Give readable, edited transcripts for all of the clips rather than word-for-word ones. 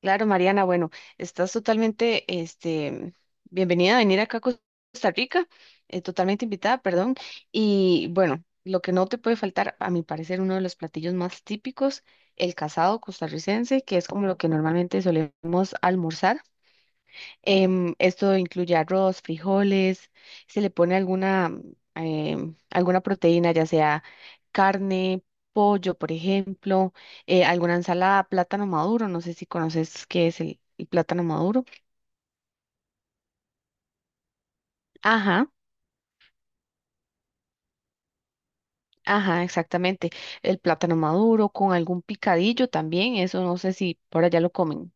Claro, Mariana, bueno, estás totalmente, bienvenida a venir acá a Costa Rica, totalmente invitada, perdón. Y bueno, lo que no te puede faltar, a mi parecer, uno de los platillos más típicos, el casado costarricense, que es como lo que normalmente solemos almorzar. Esto incluye arroz, frijoles, se le pone alguna, alguna proteína, ya sea carne, pollo, por ejemplo, alguna ensalada, plátano maduro, no sé si conoces qué es el plátano maduro. Ajá, ajá, exactamente. El plátano maduro con algún picadillo también, eso no sé si por allá lo comen.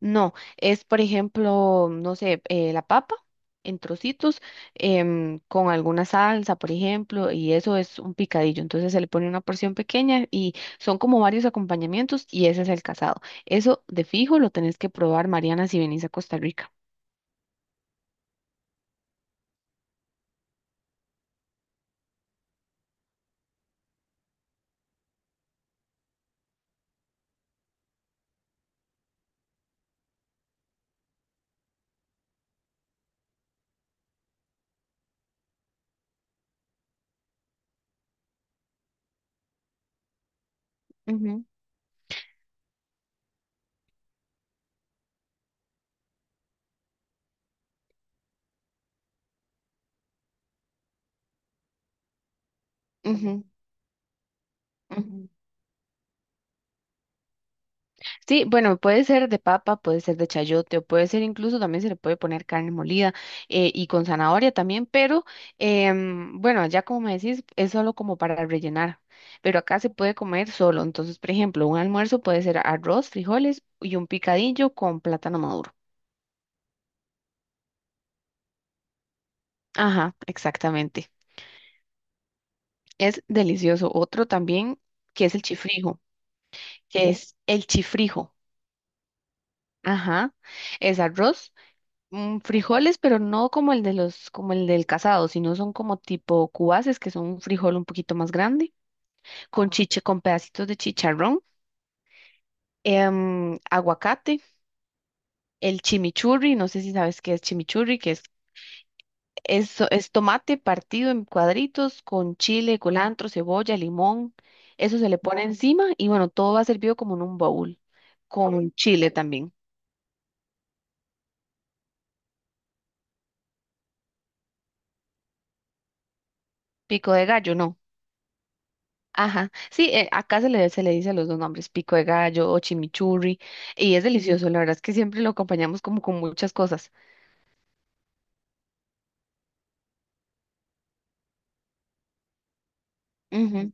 No, es por ejemplo, no sé, la papa en trocitos, con alguna salsa, por ejemplo, y eso es un picadillo. Entonces se le pone una porción pequeña y son como varios acompañamientos y ese es el casado. Eso de fijo lo tenés que probar, Mariana, si venís a Costa Rica. Ujú, ujú, ujú. Sí, bueno, puede ser de papa, puede ser de chayote o puede ser incluso también se le puede poner carne molida, y con zanahoria también, pero bueno, ya como me decís, es solo como para rellenar, pero acá se puede comer solo. Entonces, por ejemplo, un almuerzo puede ser arroz, frijoles y un picadillo con plátano maduro. Ajá, exactamente. Es delicioso. Otro también que es el chifrijo, que es el chifrijo. Ajá, es arroz. Frijoles, pero no como el de los, como el del casado, sino son como tipo cubaces, que son un frijol un poquito más grande, con, ajá, chiche, con pedacitos de chicharrón, aguacate, el chimichurri, no sé si sabes qué es chimichurri, que es tomate partido en cuadritos con chile, culantro, cebolla, limón, eso se le pone, ujú, encima y bueno, todo va servido como en un baúl, con chile también. Pico de gallo, no. Ajá, sí, acá se le dice a los dos nombres, pico de gallo o chimichurri, y es delicioso, la verdad es que siempre lo acompañamos como con muchas cosas. Ujú.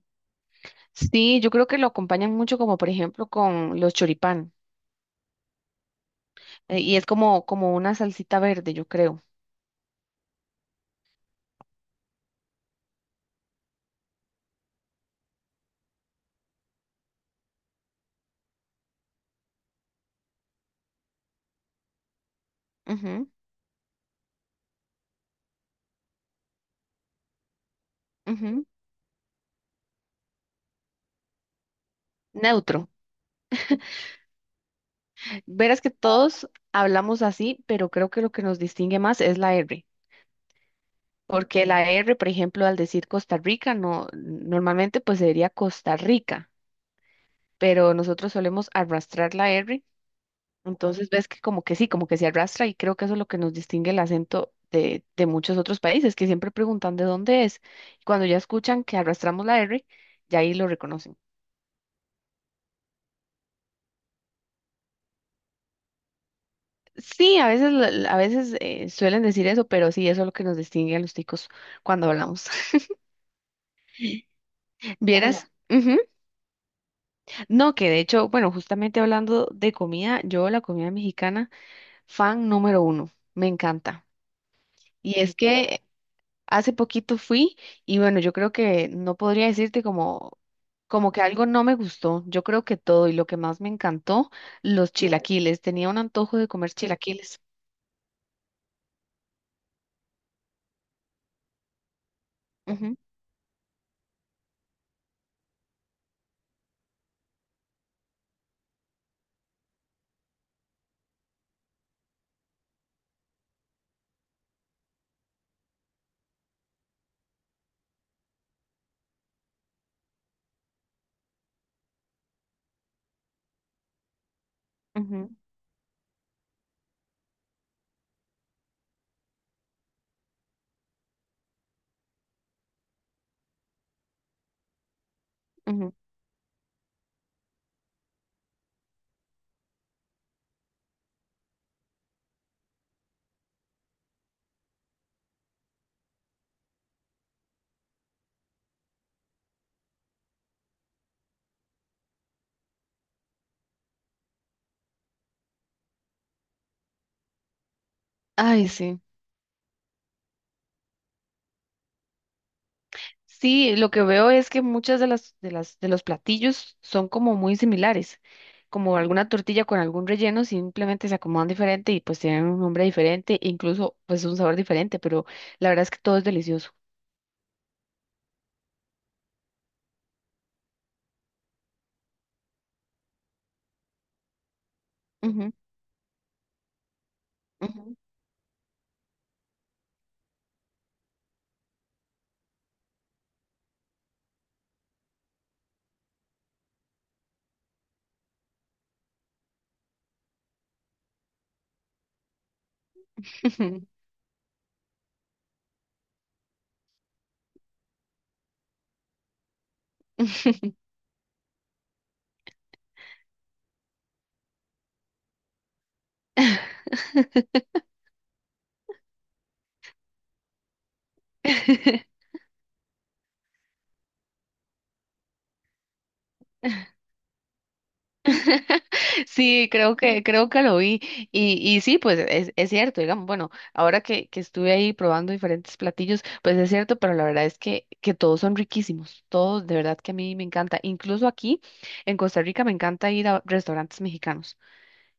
Sí, yo creo que lo acompañan mucho como por ejemplo con los choripán, y es como una salsita verde, yo creo. Ujú, ujú. Neutro. Verás que todos hablamos así, pero creo que lo que nos distingue más es la R. Porque la R, por ejemplo, al decir Costa Rica, no, normalmente pues se diría Costa Rica, pero nosotros solemos arrastrar la R, entonces ves que como que sí, como que se arrastra y creo que eso es lo que nos distingue el acento de muchos otros países, que siempre preguntan de dónde es. Y cuando ya escuchan que arrastramos la R, ya ahí lo reconocen. Sí, a veces, a veces, suelen decir eso, pero sí, eso es lo que nos distingue a los ticos cuando hablamos. Vieras, ujú. No, que de hecho, bueno, justamente hablando de comida, yo la comida mexicana, fan número uno, me encanta. Y es que hace poquito fui y bueno, yo creo que no podría decirte como, que algo no me gustó. Yo creo que todo y lo que más me encantó, los chilaquiles. Tenía un antojo de comer chilaquiles. Ujú, ujú, ujú. Ay, sí. Sí, lo que veo es que muchas de los platillos son como muy similares, como alguna tortilla con algún relleno, simplemente se acomodan diferente y pues tienen un nombre diferente, incluso pues un sabor diferente, pero la verdad es que todo es delicioso. Ujú, ujú, ujú. Sí, creo que lo vi. Y sí, pues es cierto, digamos, bueno, ahora que estuve ahí probando diferentes platillos, pues es cierto, pero la verdad es que todos son riquísimos, todos, de verdad que a mí me encanta. Incluso aquí en Costa Rica me encanta ir a restaurantes mexicanos,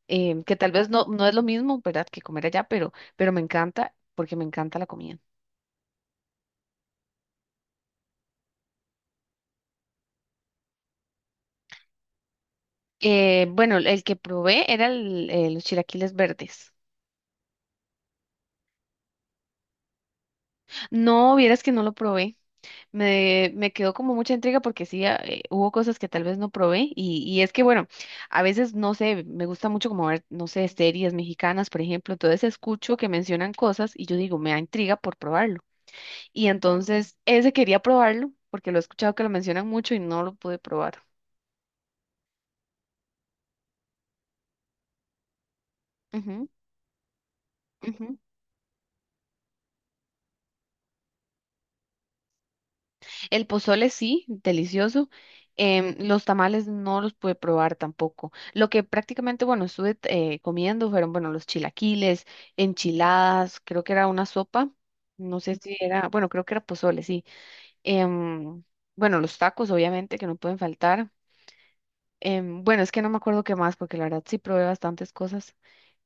que tal vez no es lo mismo, ¿verdad?, que comer allá, pero me encanta porque me encanta la comida. Bueno, el que probé era los chilaquiles verdes. No, vieras que no lo probé. Me quedó como mucha intriga porque sí, hubo cosas que tal vez no probé y es que bueno, a veces no sé, me gusta mucho como ver, no sé, series mexicanas, por ejemplo, entonces escucho que mencionan cosas y yo digo, me da intriga por probarlo. Y entonces ese quería probarlo porque lo he escuchado que lo mencionan mucho y no lo pude probar. Ujú. El pozole sí, delicioso. Los tamales no los pude probar tampoco. Lo que prácticamente, bueno, estuve comiendo fueron, bueno, los chilaquiles, enchiladas, creo que era una sopa, no sé si era, bueno, creo que era pozole, sí. Em, bueno, los tacos, obviamente, que no pueden faltar. Bueno, es que no me acuerdo qué más, porque la verdad sí probé bastantes cosas.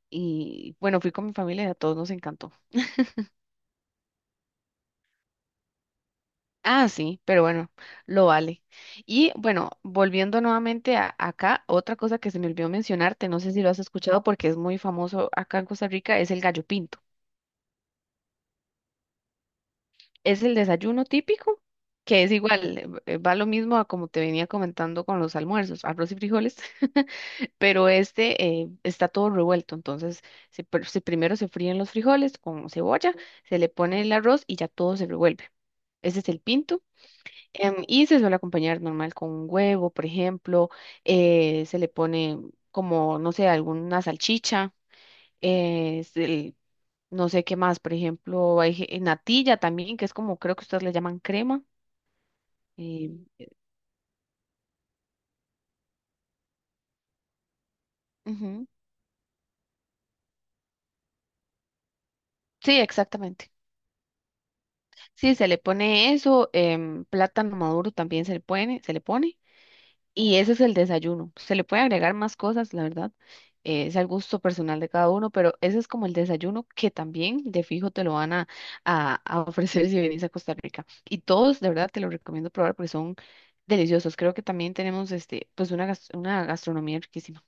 Y bueno, fui con mi familia y a todos nos encantó. Ah, sí, pero bueno, lo vale. Y bueno, volviendo nuevamente acá, otra cosa que se me olvidó mencionarte, no sé si lo has escuchado porque es muy famoso acá en Costa Rica, es el gallo pinto. Es el desayuno típico, que es igual, va lo mismo a como te venía comentando con los almuerzos, arroz y frijoles, pero está todo revuelto, entonces se primero se fríen los frijoles con cebolla, se le pone el arroz y ya todo se revuelve. Ese es el pinto. Y se suele acompañar normal con un huevo, por ejemplo, se le pone como, no sé, alguna salchicha, eh, se- no sé qué más, por ejemplo, hay natilla también, que es como creo que ustedes le llaman crema. eh, ujú, sí, exactamente. Sí, se le pone eso, plátano maduro también se le pone. Y ese es el desayuno. Se le puede agregar más cosas, la verdad. Es al gusto personal de cada uno, pero ese es como el desayuno que también de fijo te lo van a ofrecer si venís a Costa Rica. Y todos, de verdad, te lo recomiendo probar porque son deliciosos. Creo que también tenemos pues una gastronomía riquísima.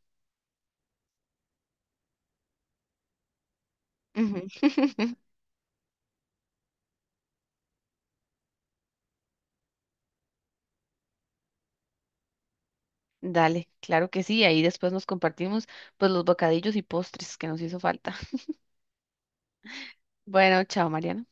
Ujú. Dale, claro que sí. Ahí después nos compartimos pues los bocadillos y postres que nos hizo falta. Bueno, chao, Mariana.